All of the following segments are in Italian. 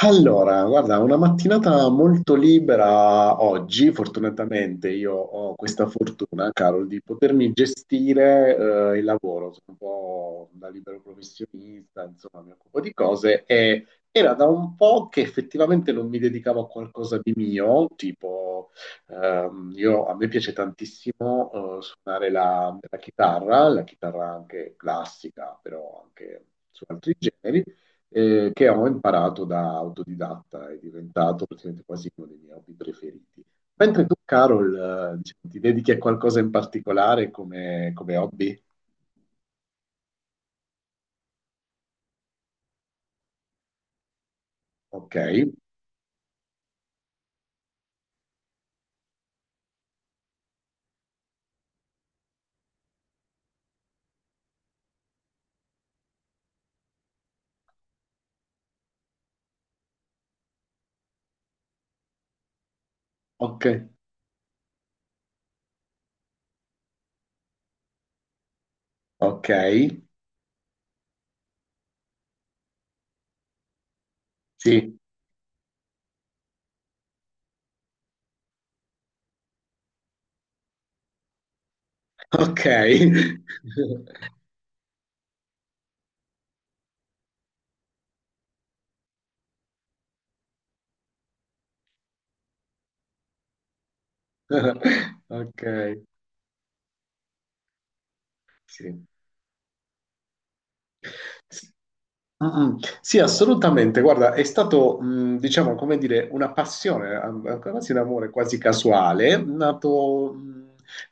Allora, guarda, una mattinata molto libera oggi, fortunatamente io ho questa fortuna, Carol, di potermi gestire il lavoro, sono un po' da libero professionista, insomma, mi occupo di cose e era da un po' che effettivamente non mi dedicavo a qualcosa di mio, tipo a me piace tantissimo suonare la chitarra, la chitarra anche classica, però anche su altri generi che ho imparato da autodidatta, è diventato praticamente quasi uno dei miei hobby preferiti. Mentre tu, Carol, diciamo, ti dedichi a qualcosa in particolare come hobby? Ok, ok, ok, sì, ok, ok, sì. Mm, mm. Sì, assolutamente. Guarda, è stato, diciamo, come dire, una passione, quasi un amore quasi casuale, nato.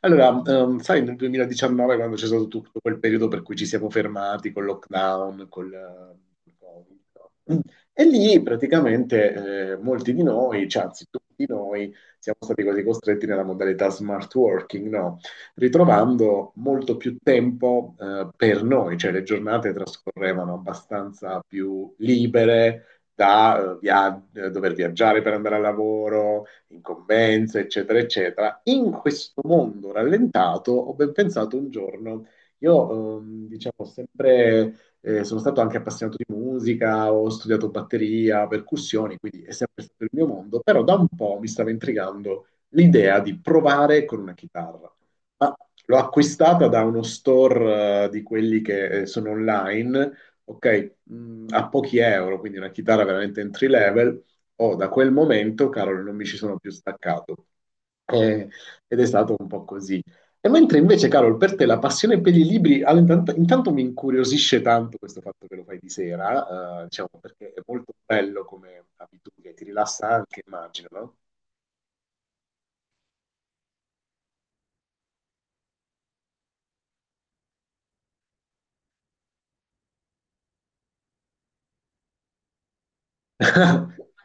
Allora, sai, nel 2019, quando c'è stato tutto quel periodo per cui ci siamo fermati col lockdown, Covid, no? Mm. E lì praticamente molti di noi, cioè, anzi tutti noi, siamo stati quasi costretti nella modalità smart working, no? Ritrovando molto più tempo per noi, cioè le giornate trascorrevano abbastanza più libere da dover viaggiare per andare al lavoro, incombenze, eccetera, eccetera. In questo mondo rallentato ho ben pensato un giorno, io diciamo sempre sono stato anche appassionato di musica, ho studiato batteria, percussioni, quindi è sempre stato il mio mondo, però da un po' mi stava intrigando l'idea di provare con una chitarra. Ah, l'ho acquistata da uno store, di quelli che sono online, ok, a pochi euro, quindi una chitarra veramente entry level. Oh, da quel momento, Carol, non mi ci sono più staccato. Eh, ed è stato un po' così. E mentre invece, Carol, per te la passione per i libri, allora, intanto mi incuriosisce tanto questo fatto che lo fai di sera, diciamo, perché è molto bello come abitudine, ti rilassa anche, immagino, no?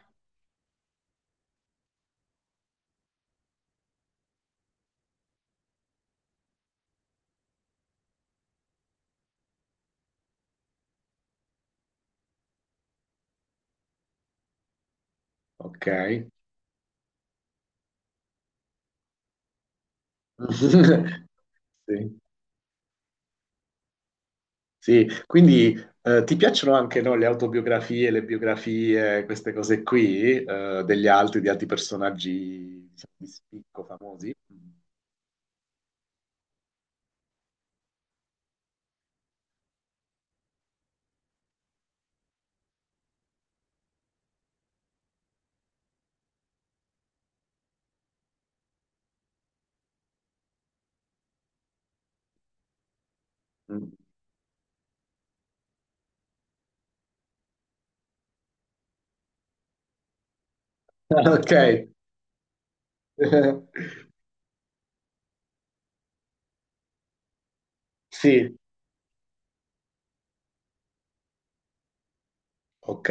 Ok. Sì. Sì, quindi ti piacciono anche no, le autobiografie, le biografie, queste cose qui, degli altri, di altri personaggi diciamo, di spicco famosi? Mm. Ok, sì, ok.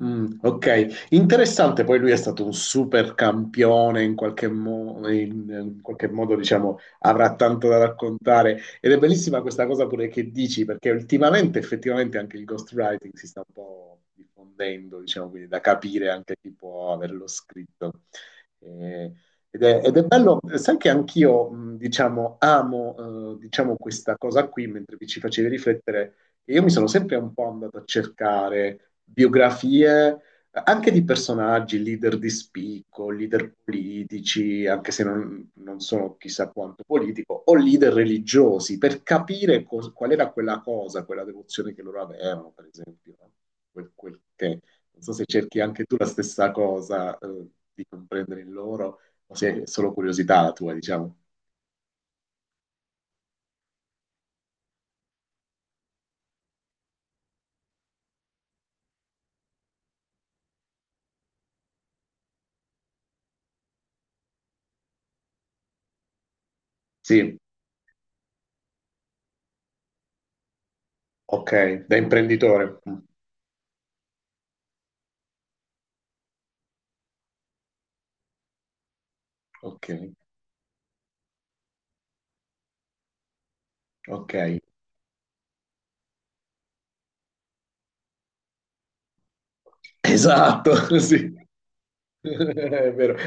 Mm, ok, interessante, poi lui è stato un super campione in qualche, in qualche modo, diciamo, avrà tanto da raccontare ed è bellissima questa cosa pure che dici, perché ultimamente effettivamente anche il ghostwriting si sta un po' diffondendo, diciamo, quindi da capire anche chi può averlo scritto. Eh, ed è bello, sai che anch'io, diciamo, amo, diciamo, questa cosa qui, mentre vi ci facevi riflettere e io mi sono sempre un po' andato a cercare biografie anche di personaggi, leader di spicco, leader politici, anche se non sono chissà quanto politico, o leader religiosi, per capire qual era quella cosa, quella devozione che loro avevano, per esempio. No? Quel che, non so se cerchi anche tu la stessa cosa, di comprendere in loro, o se è solo curiosità la tua, diciamo. Sì, ok, da imprenditore. Mm, ok, ok. Esatto, sì. È vero.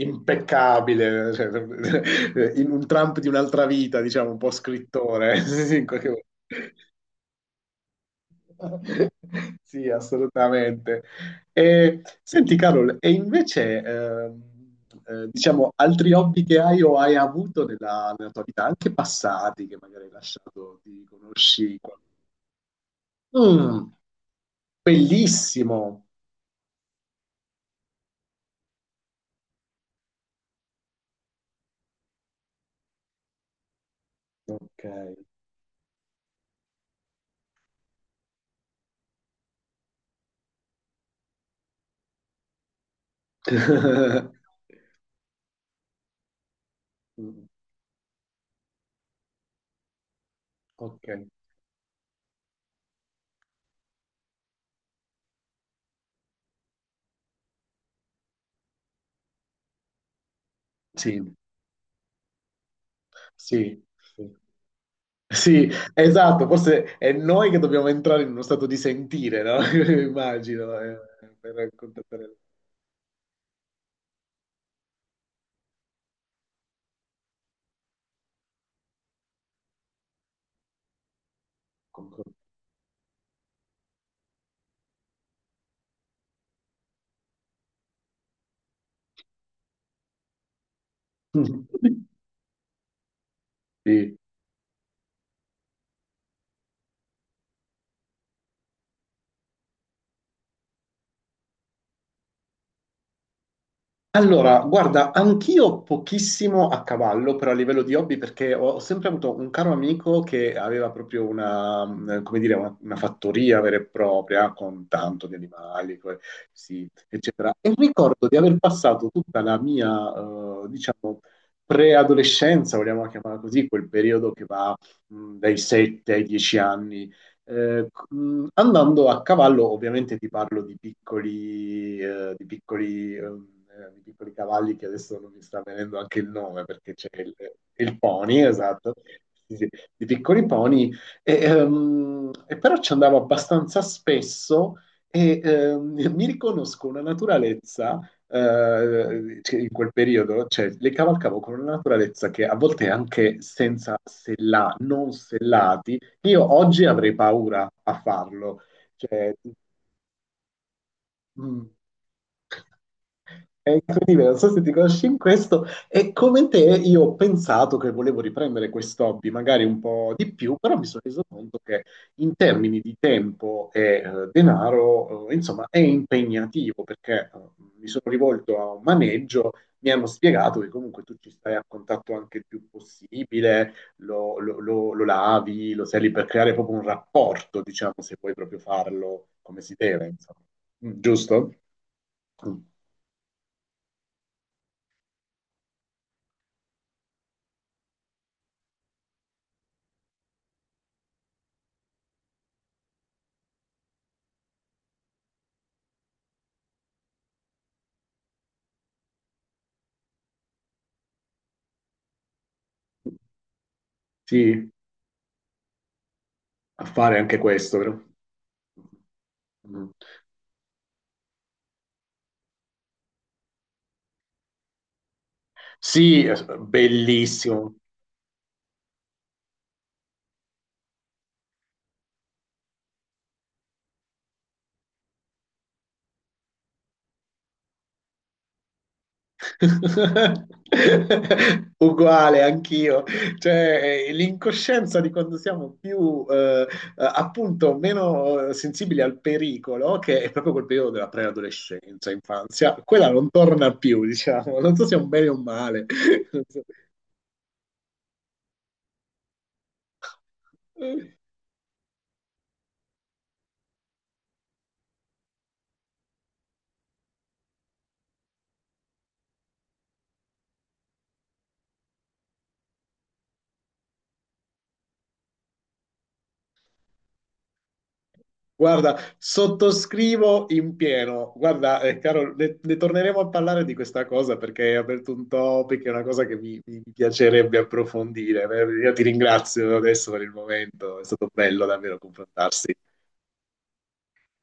Impeccabile, cioè, in un Trump di un'altra vita, diciamo, un po' scrittore. Sì, in qualche modo. Sì, assolutamente. E, senti, Carol, e invece, diciamo, altri hobby che hai o hai avuto nella tua vita, anche passati, che magari hai lasciato di conosci? Mm, Bellissimo. Ok. Mm, ok, sì, sì, sì, sì, esatto, forse è noi che dobbiamo entrare in uno stato di sentire, no? Immagino, per raccontare. Concordo. Sì, allora, guarda, anch'io pochissimo a cavallo, però a livello di hobby, perché ho sempre avuto un caro amico che aveva proprio una, come dire, una fattoria vera e propria con tanto di animali, sì, eccetera. E ricordo di aver passato tutta la mia, diciamo, preadolescenza, vogliamo chiamarla così, quel periodo che va, dai 7 ai 10 anni andando a cavallo, ovviamente ti parlo di piccoli cavalli che adesso non mi sta venendo anche il nome perché c'è il pony, esatto, sì, sì, di piccoli pony, e però ci andavo abbastanza spesso e mi riconosco una naturalezza cioè, in quel periodo, cioè le cavalcavo con una naturalezza che a volte anche senza sella, non sellati, io oggi avrei paura a farlo. Cioè, mm. E quindi non so se ti conosci in questo, e come te io ho pensato che volevo riprendere questo hobby, magari un po' di più, però mi sono reso conto che in termini di tempo e denaro, insomma, è impegnativo perché mi sono rivolto a un maneggio, mi hanno spiegato che comunque tu ci stai a contatto anche il più possibile, lo lavi, lo sali per creare proprio un rapporto, diciamo, se vuoi proprio farlo come si deve, insomma. Giusto? Mm. Sì, a fare anche questo, però. Mm. Sì, bellissimo. Uguale, anch'io. Cioè, l'incoscienza di quando siamo più, appunto, meno sensibili al pericolo, che è proprio quel periodo della preadolescenza, infanzia, quella non torna più, diciamo. Non so se è un bene o un male. Non so. Guarda, sottoscrivo in pieno. Guarda, caro, ne torneremo a parlare di questa cosa perché hai aperto un topic, è una cosa che mi piacerebbe approfondire. Io ti ringrazio adesso per il momento, è stato bello davvero confrontarsi.